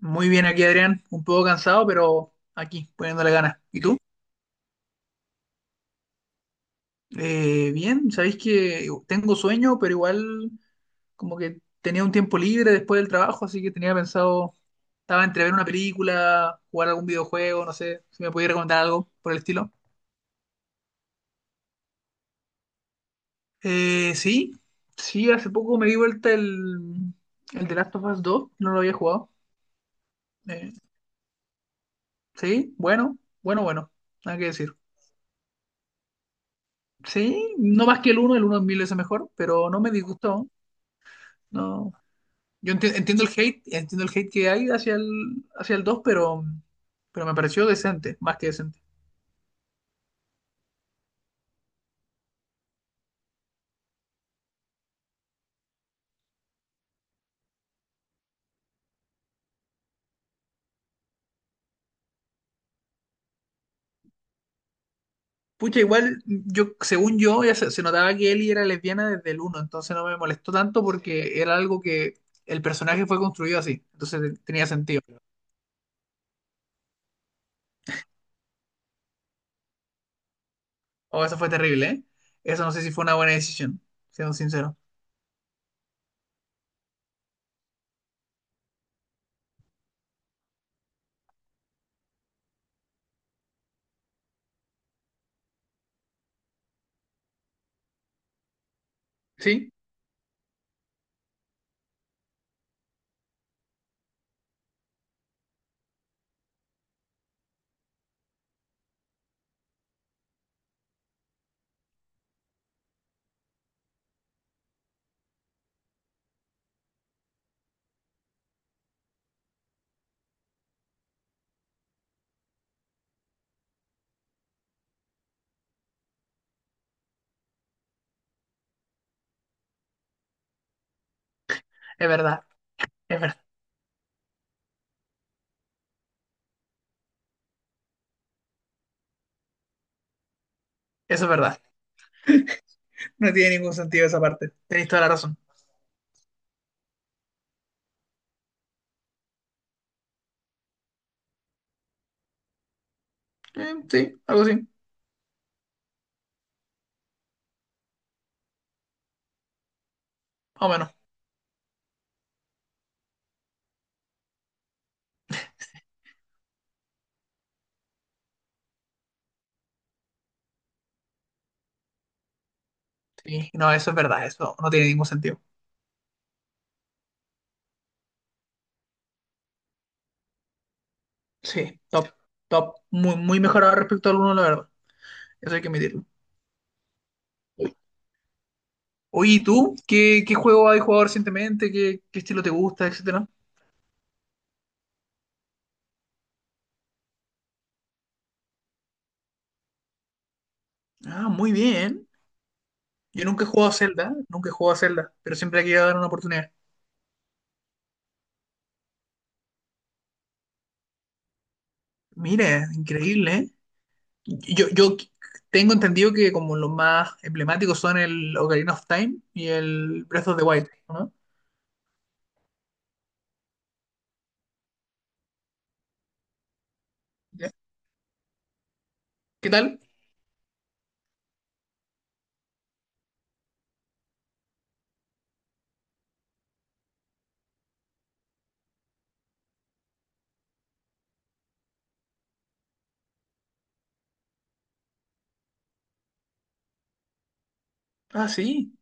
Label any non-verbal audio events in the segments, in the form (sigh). Muy bien aquí, Adrián. Un poco cansado, pero aquí, poniéndole ganas. ¿Y tú? Bien, sabéis que tengo sueño, pero igual como que tenía un tiempo libre después del trabajo, así que tenía pensado, estaba entre ver una película, jugar algún videojuego, no sé, si me podías recomendar algo por el estilo. Sí, sí, hace poco me di vuelta el The Last of Us 2, no lo había jugado. Eh, sí, bueno, bueno, bueno, nada que decir. Sí, no más que el uno es mil veces mejor, pero no me disgustó. No, entiendo el hate que hay hacia el dos, pero me pareció decente, más que decente. Pucha, igual, yo, según yo, ya se notaba que Ellie era lesbiana desde el uno, entonces no me molestó tanto porque era algo que el personaje fue construido así, entonces tenía sentido. Oh, eso fue terrible, ¿eh? Eso no sé si fue una buena decisión, siendo sincero. Sí, es verdad, es verdad, eso es verdad. No tiene ningún sentido esa parte, tenéis toda la razón. Sí, algo así, más o menos. Sí, no, eso es verdad, eso no tiene ningún sentido. Sí, top, top. Muy, muy mejorado respecto al uno, la verdad. Eso hay que admitirlo. Oye, ¿y tú? ¿Qué, ¿qué juego has jugado recientemente? ¿Qué estilo te gusta, etcétera? Ah, muy bien. Yo nunca he jugado a Zelda, nunca he jugado a Zelda, pero siempre he querido dar una oportunidad. Mire, increíble, ¿eh? Yo tengo entendido que como los más emblemáticos son el Ocarina of Time y el Breath of the Wild, ¿no? Ya. ¿Qué tal? Ah, sí,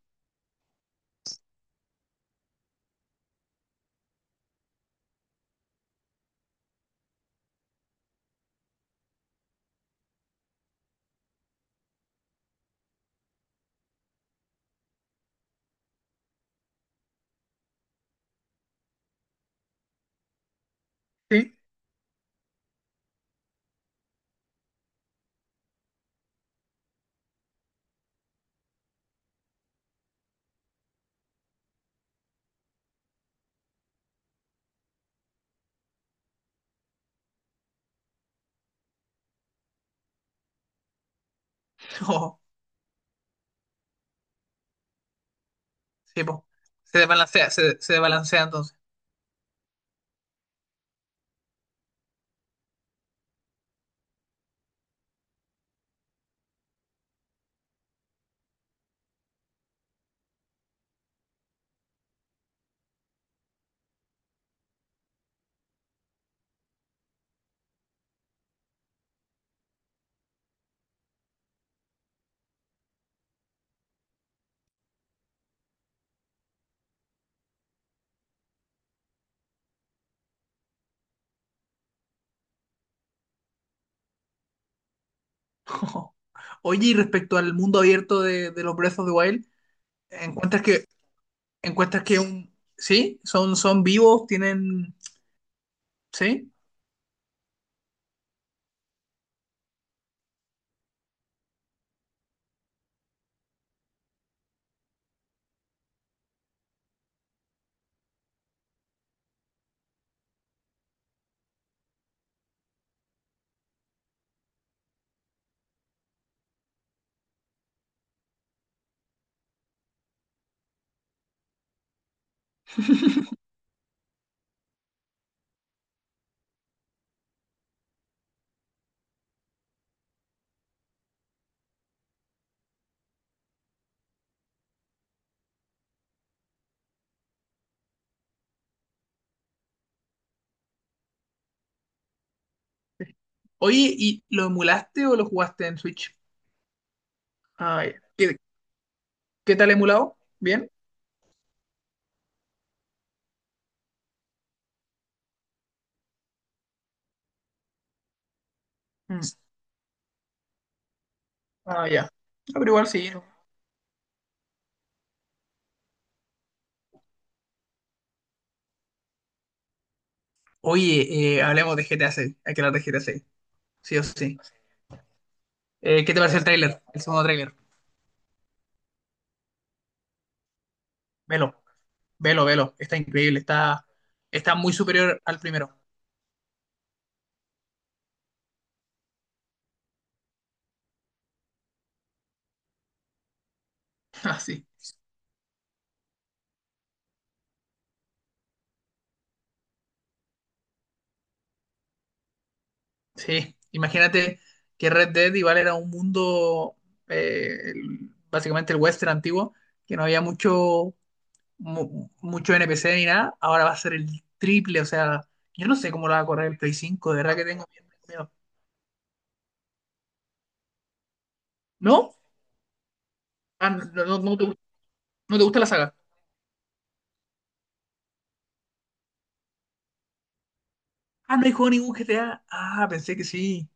sí. (laughs) Oh, sí, po. Se desbalancea, se desbalancea entonces. (laughs) Oye, y respecto al mundo abierto de los Breath of the Wild, ¿encuentras que, encuentras que un, sí, son vivos, tienen, ¿sí? Oye, ¿y lo emulaste o lo jugaste en Switch? Ah, ya. ¿Qué tal emulado? ¿Bien? Mm. Ah, ya. Ah, pero igual sí. Oye, hablemos de GTA 6. Hay que hablar de GTA 6. Sí o sí. ¿Qué te parece el tráiler? El segundo tráiler. Velo, velo, velo. Está increíble. Está muy superior al primero. (laughs) Así. Sí, imagínate que Red Dead igual era un mundo, básicamente el western antiguo, que no había mucho NPC ni nada, ahora va a ser el triple. O sea, yo no sé cómo lo va a correr el Play 5. De verdad que tengo miedo. Miedo. ¿No? Ah, no, no, no te gusta la saga. Ah, no hay juego ningún GTA. Ah, pensé que sí,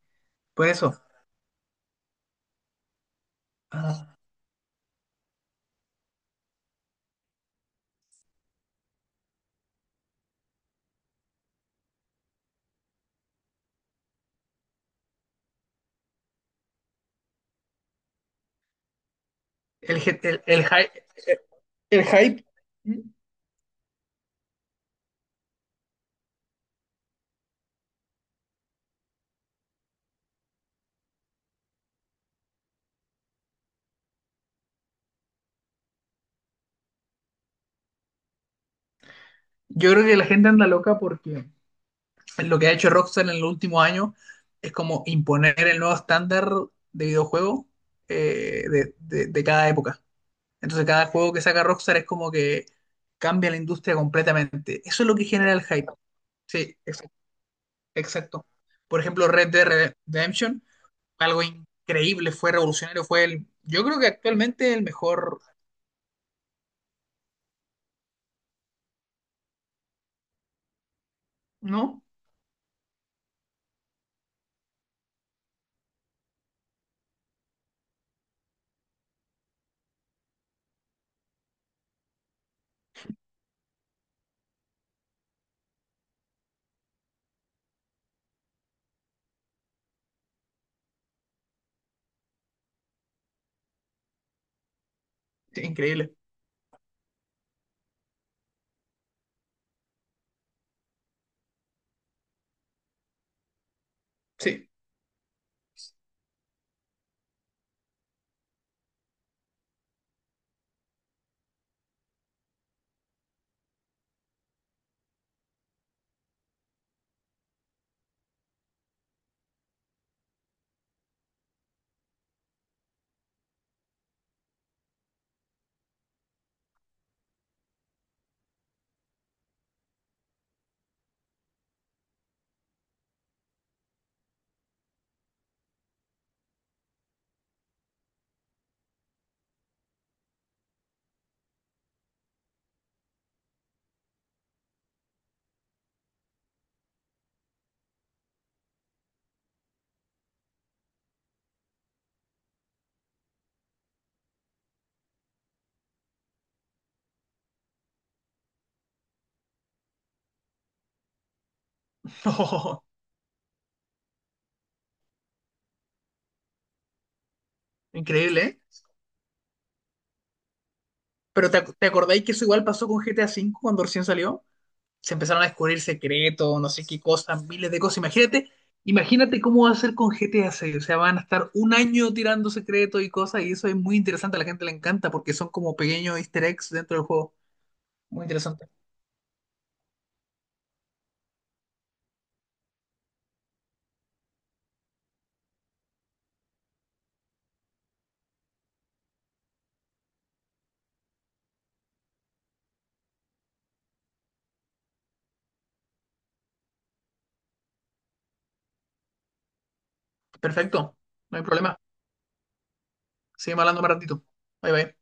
por eso. Ah, el, G- el, hy- El hype. ¿Mm? Yo creo que la gente anda loca porque... Lo que ha hecho Rockstar en los últimos años es como imponer el nuevo estándar de videojuego, de cada época. Entonces cada juego que saca Rockstar es como que cambia la industria completamente. Eso es lo que genera el hype. Sí, ex- exacto. Por ejemplo, Redemption, algo increíble, fue revolucionario, fue el, yo creo que actualmente el mejor, ¿no? Sí, increíble, sí. (laughs) Increíble, ¿eh? Pero te acordáis que eso igual pasó con GTA V cuando recién salió? Se empezaron a descubrir secretos, no sé qué cosas, miles de cosas. Imagínate, imagínate cómo va a ser con GTA 6. O sea, van a estar un año tirando secretos y cosas, y eso es muy interesante, a la gente le encanta porque son como pequeños easter eggs dentro del juego. Muy interesante. Perfecto, no hay problema. Seguimos hablando un ratito. Bye bye.